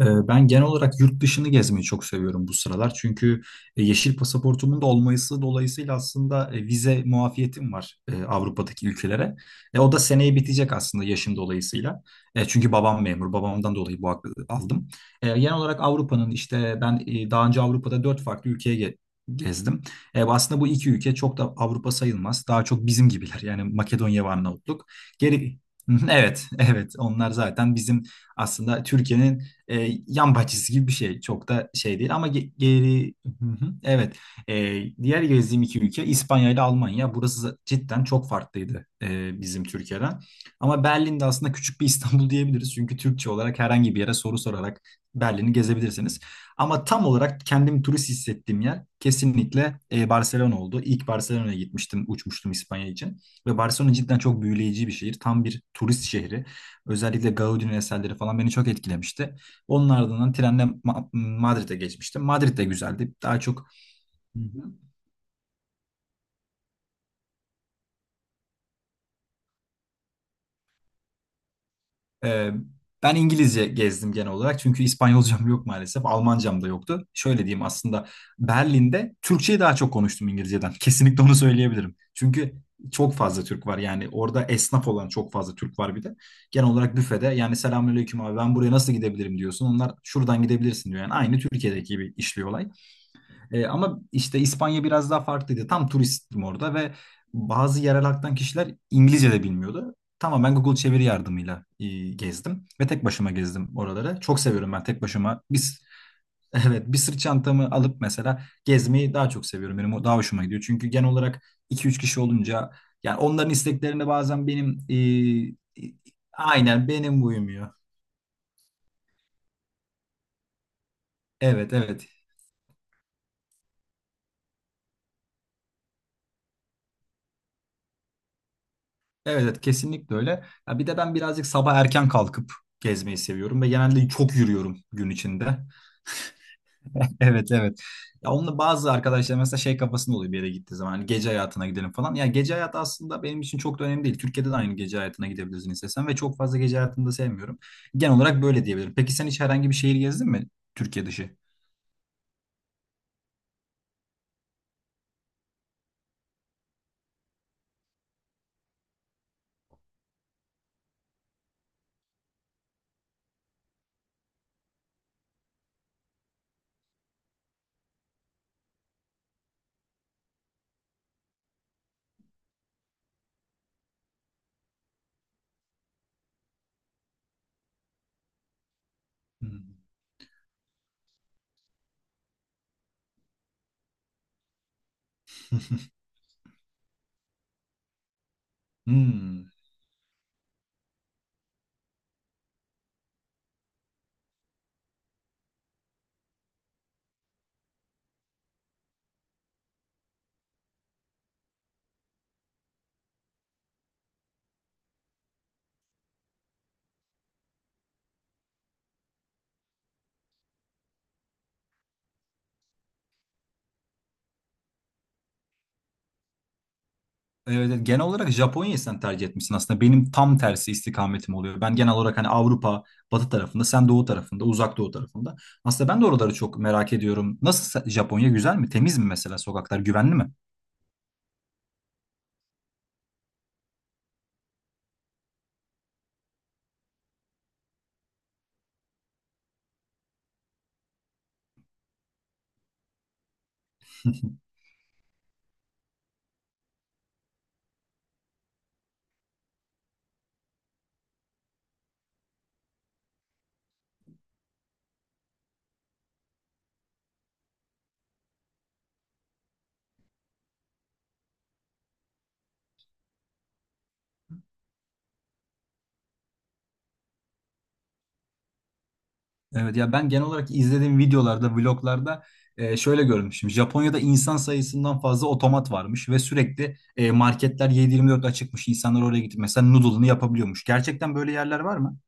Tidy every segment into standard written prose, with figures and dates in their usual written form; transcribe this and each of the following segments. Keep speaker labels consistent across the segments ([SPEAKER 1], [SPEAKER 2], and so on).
[SPEAKER 1] Ben genel olarak yurt dışını gezmeyi çok seviyorum bu sıralar. Çünkü yeşil pasaportumun da olması dolayısıyla aslında vize muafiyetim var Avrupa'daki ülkelere. O da seneye bitecek aslında yaşım dolayısıyla. Çünkü babam memur. Babamdan dolayı bu hakkı aldım. Genel olarak Avrupa'nın işte ben, daha önce Avrupa'da dört farklı ülkeye gezdim. Aslında bu iki ülke çok da Avrupa sayılmaz. Daha çok bizim gibiler. Yani Makedonya ve Arnavutluk. Geri... Evet, evet. Onlar zaten bizim, aslında Türkiye'nin yan bahçesi gibi bir şey. Çok da şey değil ama geri. Hı hı, evet. Diğer gezdiğim iki ülke İspanya ile Almanya. Burası cidden çok farklıydı bizim Türkiye'den. Ama Berlin'de aslında küçük bir İstanbul diyebiliriz. Çünkü Türkçe olarak herhangi bir yere soru sorarak Berlin'i gezebilirsiniz. Ama tam olarak kendim turist hissettiğim yer kesinlikle Barcelona oldu. İlk Barcelona'ya gitmiştim, uçmuştum İspanya için. Ve Barcelona cidden çok büyüleyici bir şehir. Tam bir turist şehri. Özellikle Gaudi'nin eserleri falan beni çok etkilemişti. Onun ardından trenle Madrid'e geçmiştim. Madrid de güzeldi. Daha çok. Hı hı. ee, ben İngilizce gezdim genel olarak çünkü İspanyolcam yok maalesef. Almancam da yoktu. Şöyle diyeyim, aslında Berlin'de Türkçeyi daha çok konuştum İngilizceden. Kesinlikle onu söyleyebilirim. Çünkü çok fazla Türk var, yani orada esnaf olan çok fazla Türk var bir de. Genel olarak büfede, yani selamünaleyküm abi ben buraya nasıl gidebilirim diyorsun. Onlar şuradan gidebilirsin diyor. Yani aynı Türkiye'deki gibi işliyor olay. Ama işte İspanya biraz daha farklıydı. Tam turistim orada ve bazı yerel halktan kişiler İngilizce de bilmiyordu. Tamamen Google çeviri yardımıyla gezdim ve tek başıma gezdim oraları. Çok seviyorum ben tek başıma. Biz... Evet, bir sırt çantamı alıp mesela gezmeyi daha çok seviyorum. Benim o daha hoşuma gidiyor. Çünkü genel olarak iki üç kişi olunca yani onların isteklerine bazen benim, e, aynen benim uymuyor. Evet, evet. Evet, evet, kesinlikle öyle. Ya bir de ben birazcık sabah erken kalkıp gezmeyi seviyorum ve genelde çok yürüyorum gün içinde. Evet, evet. Ya onunla bazı arkadaşlar mesela şey kafasında oluyor, bir yere gittiği zaman hani gece hayatına gidelim falan. Ya gece hayatı aslında benim için çok da önemli değil. Türkiye'de de aynı gece hayatına gidebilirsin istesen ve çok fazla gece hayatını da sevmiyorum. Genel olarak böyle diyebilirim. Peki sen hiç herhangi bir şehir gezdin mi, Türkiye dışı? Hmm. Hmm. Evet, evet. Genel olarak Japonya'yı sen tercih etmişsin aslında. Benim tam tersi istikametim oluyor. Ben genel olarak hani Avrupa, batı tarafında, sen doğu tarafında, uzak doğu tarafında. Aslında ben de oraları çok merak ediyorum. Nasıl, Japonya güzel mi? Temiz mi mesela sokaklar? Güvenli mi? Evet, ya ben genel olarak izlediğim videolarda, vloglarda, şöyle görmüşüm. Japonya'da insan sayısından fazla otomat varmış ve sürekli, marketler 7-24 açıkmış. İnsanlar oraya gidip mesela noodle'ını yapabiliyormuş. Gerçekten böyle yerler var mı?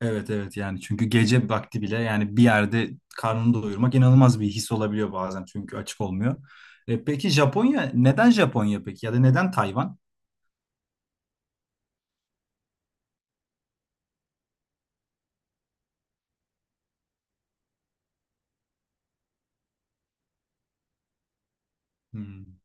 [SPEAKER 1] Evet, evet, yani çünkü gece vakti bile yani bir yerde karnını doyurmak inanılmaz bir his olabiliyor bazen, çünkü açık olmuyor. E, peki Japonya neden Japonya, peki ya da neden Tayvan? Hmm.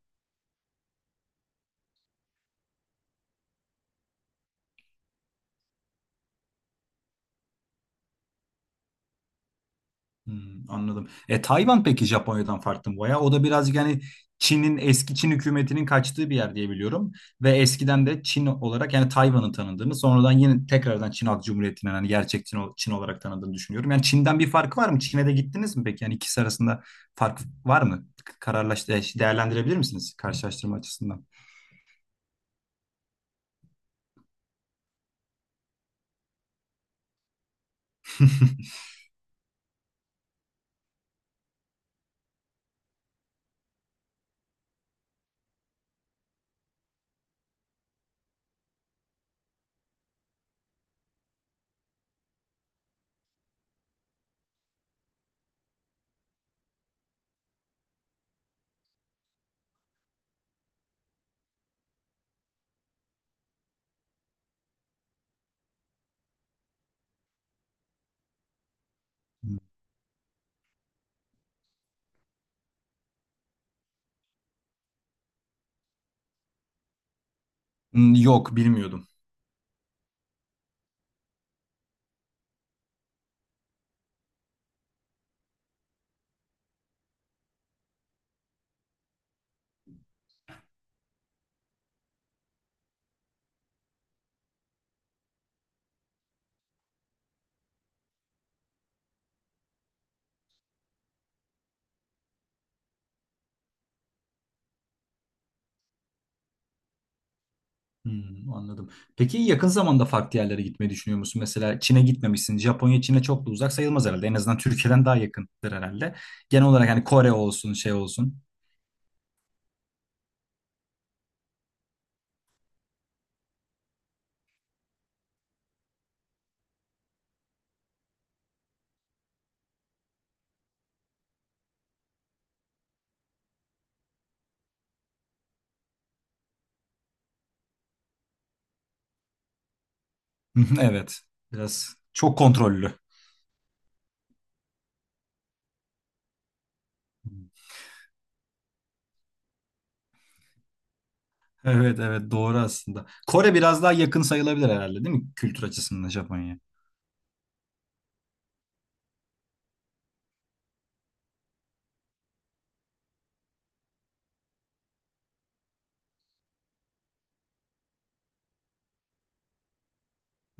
[SPEAKER 1] Hmm, anladım. E Tayvan peki, Japonya'dan farklı mı baya? O da birazcık, yani Çin'in, eski Çin hükümetinin kaçtığı bir yer diye biliyorum. Ve eskiden de Çin olarak, yani Tayvan'ın tanındığını, sonradan yine tekrardan Çin Halk Cumhuriyeti'nin hani gerçek Çin, Çin olarak tanındığını düşünüyorum. Yani Çin'den bir farkı var mı? Çin'e de gittiniz mi peki? Yani ikisi arasında fark var mı? Kararlaştı, değerlendirebilir misiniz karşılaştırma açısından? Hmm, yok bilmiyordum. Hmm, anladım. Peki yakın zamanda farklı yerlere gitmeyi düşünüyor musun? Mesela Çin'e gitmemişsin. Japonya Çin'e çok da uzak sayılmaz herhalde. En azından Türkiye'den daha yakındır herhalde. Genel olarak hani Kore olsun, şey olsun. Evet. Biraz çok kontrollü. Evet, evet, doğru aslında. Kore biraz daha yakın sayılabilir herhalde, değil mi, kültür açısından Japonya'ya?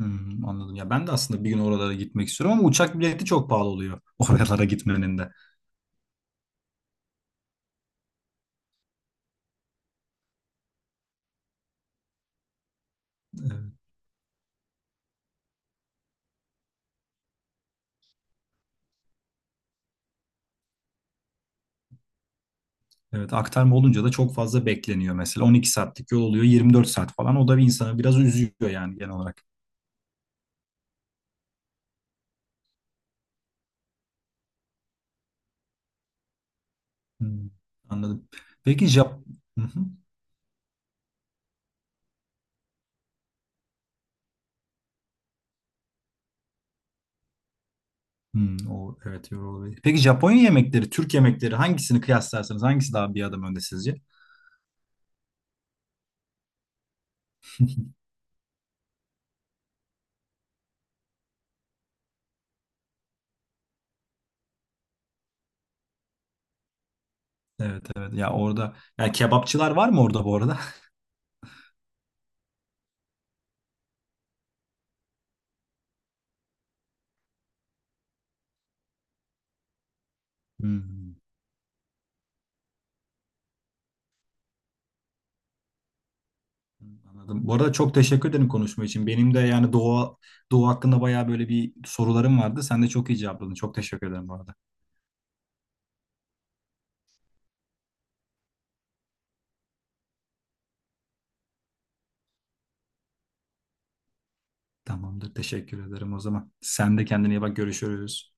[SPEAKER 1] Hmm, anladım. Ya ben de aslında bir gün oralara gitmek istiyorum ama uçak bileti çok pahalı oluyor oralara gitmenin de. Evet. Evet, aktarma olunca da çok fazla bekleniyor mesela. 12 saatlik yol oluyor, 24 saat falan. O da bir insanı biraz üzüyor yani genel olarak. Hmm, anladım. Peki Jap. Hı hı. Hmm, o evet, yorucu olabilir. Peki Japonya yemekleri, Türk yemekleri, hangisini kıyaslarsanız hangisi daha bir adım önde sizce? Evet, evet, ya orada, ya kebapçılar var mı orada bu arada? Hmm, anladım. Bu arada çok teşekkür ederim konuşma için. Benim de yani Doğu, Doğu hakkında bayağı böyle bir sorularım vardı. Sen de çok iyi cevapladın. Çok teşekkür ederim bu arada. Tamamdır. Teşekkür ederim o zaman. Sen de kendine iyi bak. Görüşürüz.